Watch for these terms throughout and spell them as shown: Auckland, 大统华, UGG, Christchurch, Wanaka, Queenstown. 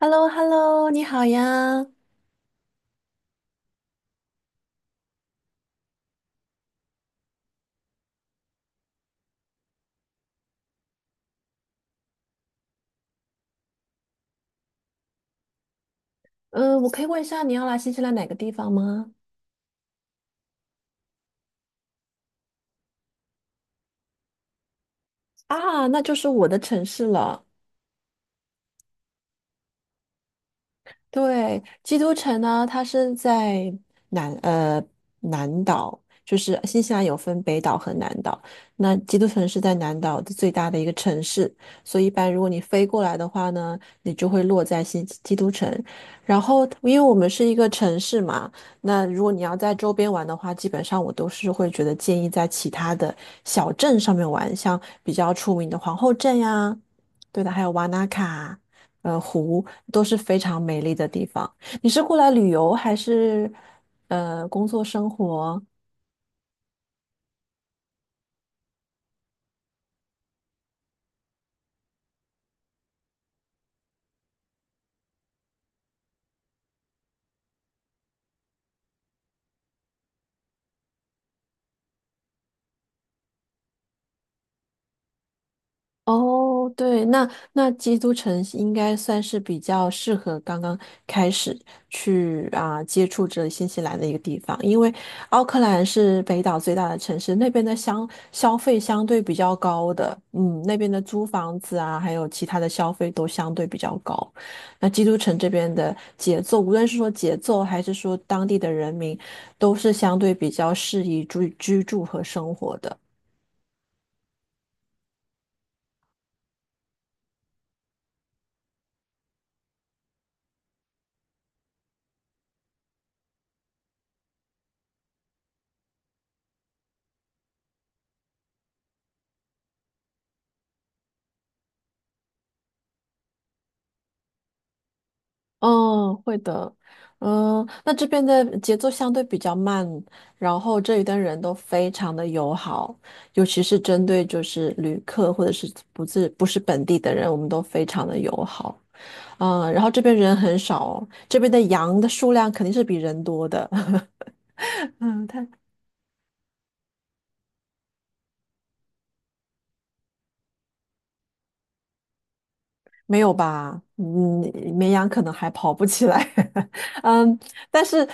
h e l l o h e l l o 你好呀。嗯，我可以问一下你要来新西兰哪个地方吗？啊，那就是我的城市了。对，基督城呢，它是在南呃南岛，就是新西兰有分北岛和南岛。那基督城是在南岛的最大的一个城市，所以一般如果你飞过来的话呢，你就会落在新基督城。然后，因为我们是一个城市嘛，那如果你要在周边玩的话，基本上我都是会觉得建议在其他的小镇上面玩，像比较出名的皇后镇呀，对的，还有瓦纳卡。湖，都是非常美丽的地方。你是过来旅游还是工作生活？哦，对，那基督城应该算是比较适合刚刚开始去啊、接触这新西兰的一个地方，因为奥克兰是北岛最大的城市，那边的消费相对比较高的。嗯，那边的租房子啊，还有其他的消费都相对比较高。那基督城这边的节奏，无论是说节奏还是说当地的人民，都是相对比较适宜居住和生活的。嗯，会的。那这边的节奏相对比较慢，然后这里的人都非常的友好，尤其是针对就是旅客或者是不是本地的人，我们都非常的友好。然后这边人很少哦，这边的羊的数量肯定是比人多的。嗯，它没有吧？嗯，绵羊可能还跑不起来。嗯，但是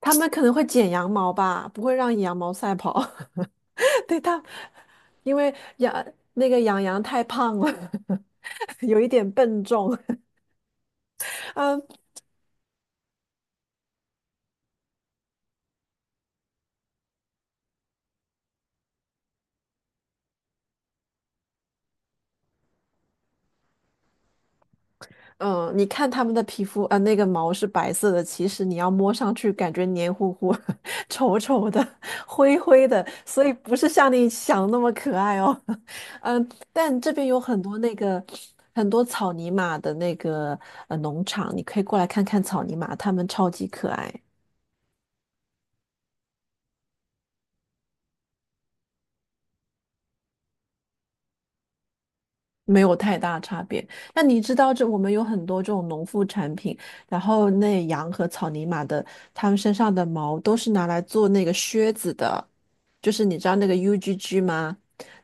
他们可能会剪羊毛吧，不会让羊毛赛跑。对，因为杨那个杨羊太胖了，有一点笨重。嗯嗯，你看他们的皮肤，那个毛是白色的，其实你要摸上去，感觉黏糊糊、稠稠的、灰灰的，所以不是像你想那么可爱哦。嗯，但这边有很多草泥马的农场，你可以过来看看草泥马，它们超级可爱。没有太大差别。那你知道我们有很多这种农副产品，然后那羊和草泥马的，它们身上的毛都是拿来做那个靴子的，就是你知道那个 UGG 吗？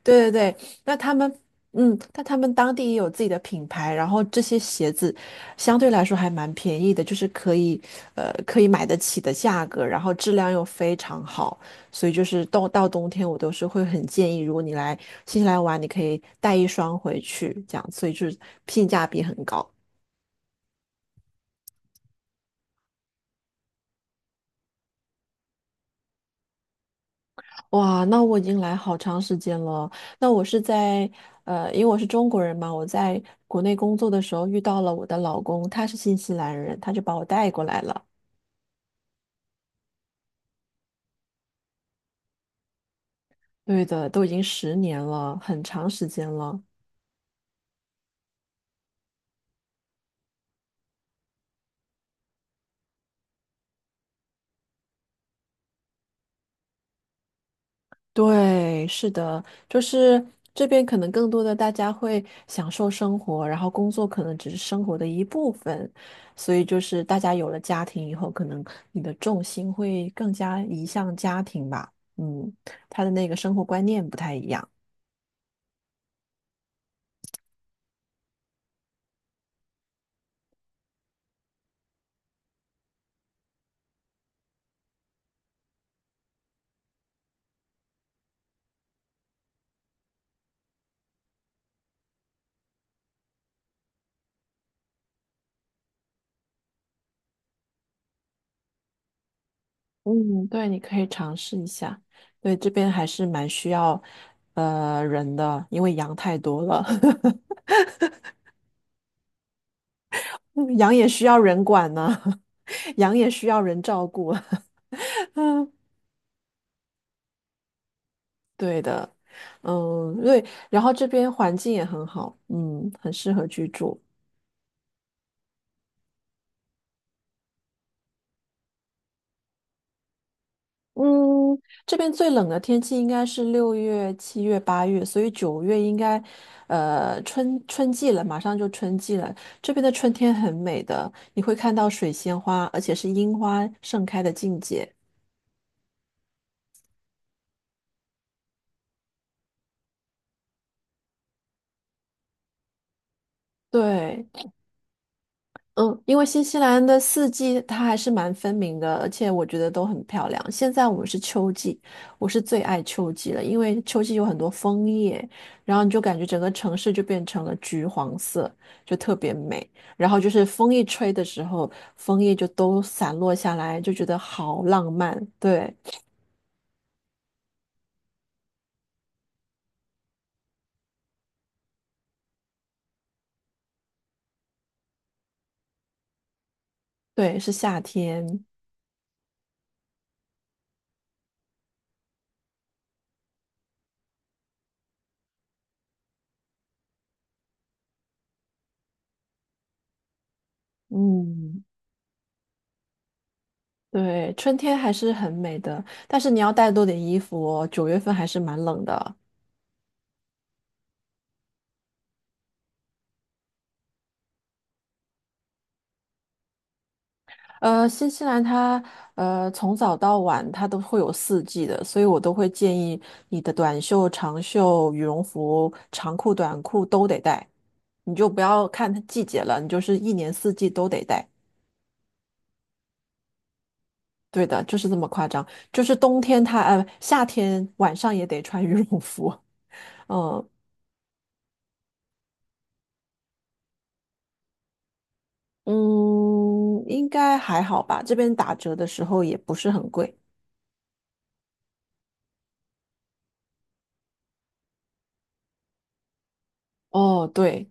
对对对，那他们。但他们当地也有自己的品牌，然后这些鞋子相对来说还蛮便宜的，就是可以买得起的价格，然后质量又非常好。所以就是到冬天，我都是会很建议，如果你来新西兰玩，你可以带一双回去，这样，所以就是性价比很高。哇，那我已经来好长时间了。那我是因为我是中国人嘛，我在国内工作的时候遇到了我的老公，他是新西兰人，他就把我带过来了。对的，都已经10年了，很长时间了。对，是的，就是这边可能更多的大家会享受生活，然后工作可能只是生活的一部分，所以就是大家有了家庭以后，可能你的重心会更加移向家庭吧。嗯，他的那个生活观念不太一样。嗯，对，你可以尝试一下。对，这边还是蛮需要人的，因为羊太多了，羊也需要人管呢，羊也需要人照顾。对的，嗯，对，然后这边环境也很好，很适合居住。嗯，这边最冷的天气应该是6月、7月、8月，所以九月应该，春季了，马上就春季了。这边的春天很美的，你会看到水仙花，而且是樱花盛开的境界。对，嗯，因为新西兰的四季它还是蛮分明的，而且我觉得都很漂亮。现在我们是秋季，我是最爱秋季了，因为秋季有很多枫叶，然后你就感觉整个城市就变成了橘黄色，就特别美。然后就是风一吹的时候，枫叶就都散落下来，就觉得好浪漫。对，对，是夏天。嗯，对，春天还是很美的，但是你要带多点衣服哦，9月份还是蛮冷的。新西兰它从早到晚它都会有四季的，所以我都会建议你的短袖、长袖、羽绒服、长裤、短裤都得带，你就不要看它季节了，你就是一年四季都得带。对的，就是这么夸张，就是冬天它呃夏天晚上也得穿羽绒服，嗯嗯，应该还好吧，这边打折的时候也不是很贵。哦，对，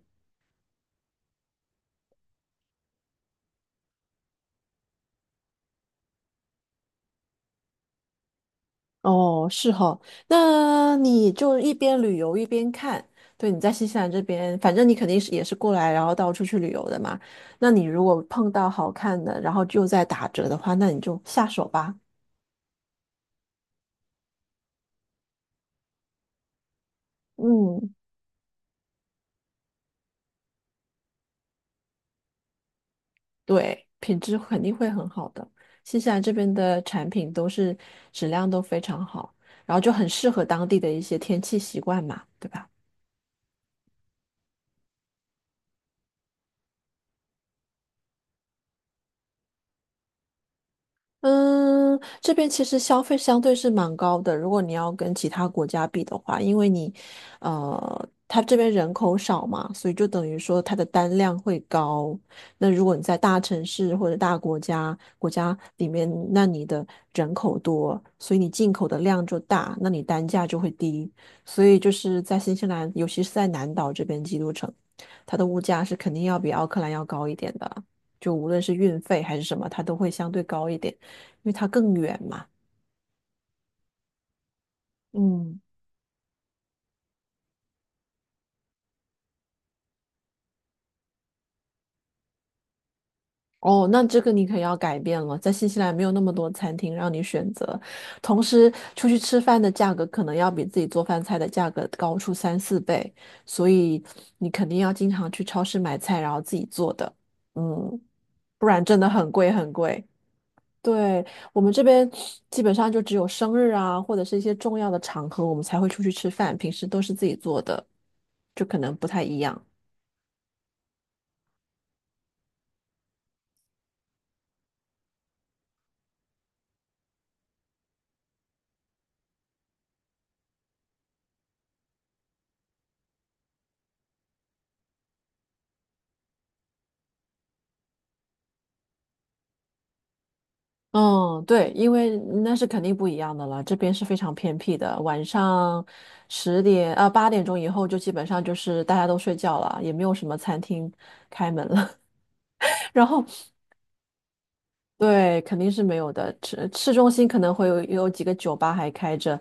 哦，是哈，那你就一边旅游一边看。对，你在新西兰这边，反正你肯定是也是过来，然后到处去旅游的嘛。那你如果碰到好看的，然后就在打折的话，那你就下手吧。嗯，对，品质肯定会很好的。新西兰这边的产品都是质量都非常好，然后就很适合当地的一些天气习惯嘛，对吧？嗯，这边其实消费相对是蛮高的，如果你要跟其他国家比的话，因为它这边人口少嘛，所以就等于说它的单量会高。那如果你在大城市或者大国家里面，那你的人口多，所以你进口的量就大，那你单价就会低。所以就是在新西兰，尤其是在南岛这边基督城，它的物价是肯定要比奥克兰要高一点的，就无论是运费还是什么，它都会相对高一点。因为它更远嘛。嗯，哦，那这个你可要改变了，在新西兰没有那么多餐厅让你选择，同时出去吃饭的价格可能要比自己做饭菜的价格高出三四倍，所以你肯定要经常去超市买菜，然后自己做的，嗯，不然真的很贵很贵。对，我们这边基本上就只有生日啊，或者是一些重要的场合，我们才会出去吃饭，平时都是自己做的，就可能不太一样。嗯，对，因为那是肯定不一样的了。这边是非常偏僻的，晚上十点啊8点钟以后就基本上就是大家都睡觉了，也没有什么餐厅开门了。然后对，肯定是没有的。市中心可能会有几个酒吧还开着，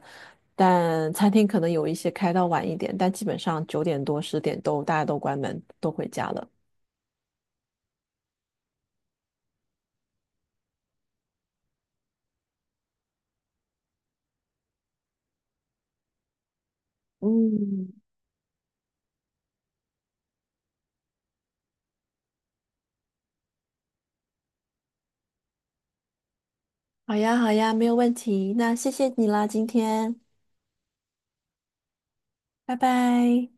但餐厅可能有一些开到晚一点，但基本上9点多十点都大家都关门，都回家了。嗯，好呀，好呀，没有问题。那谢谢你啦，今天，拜拜。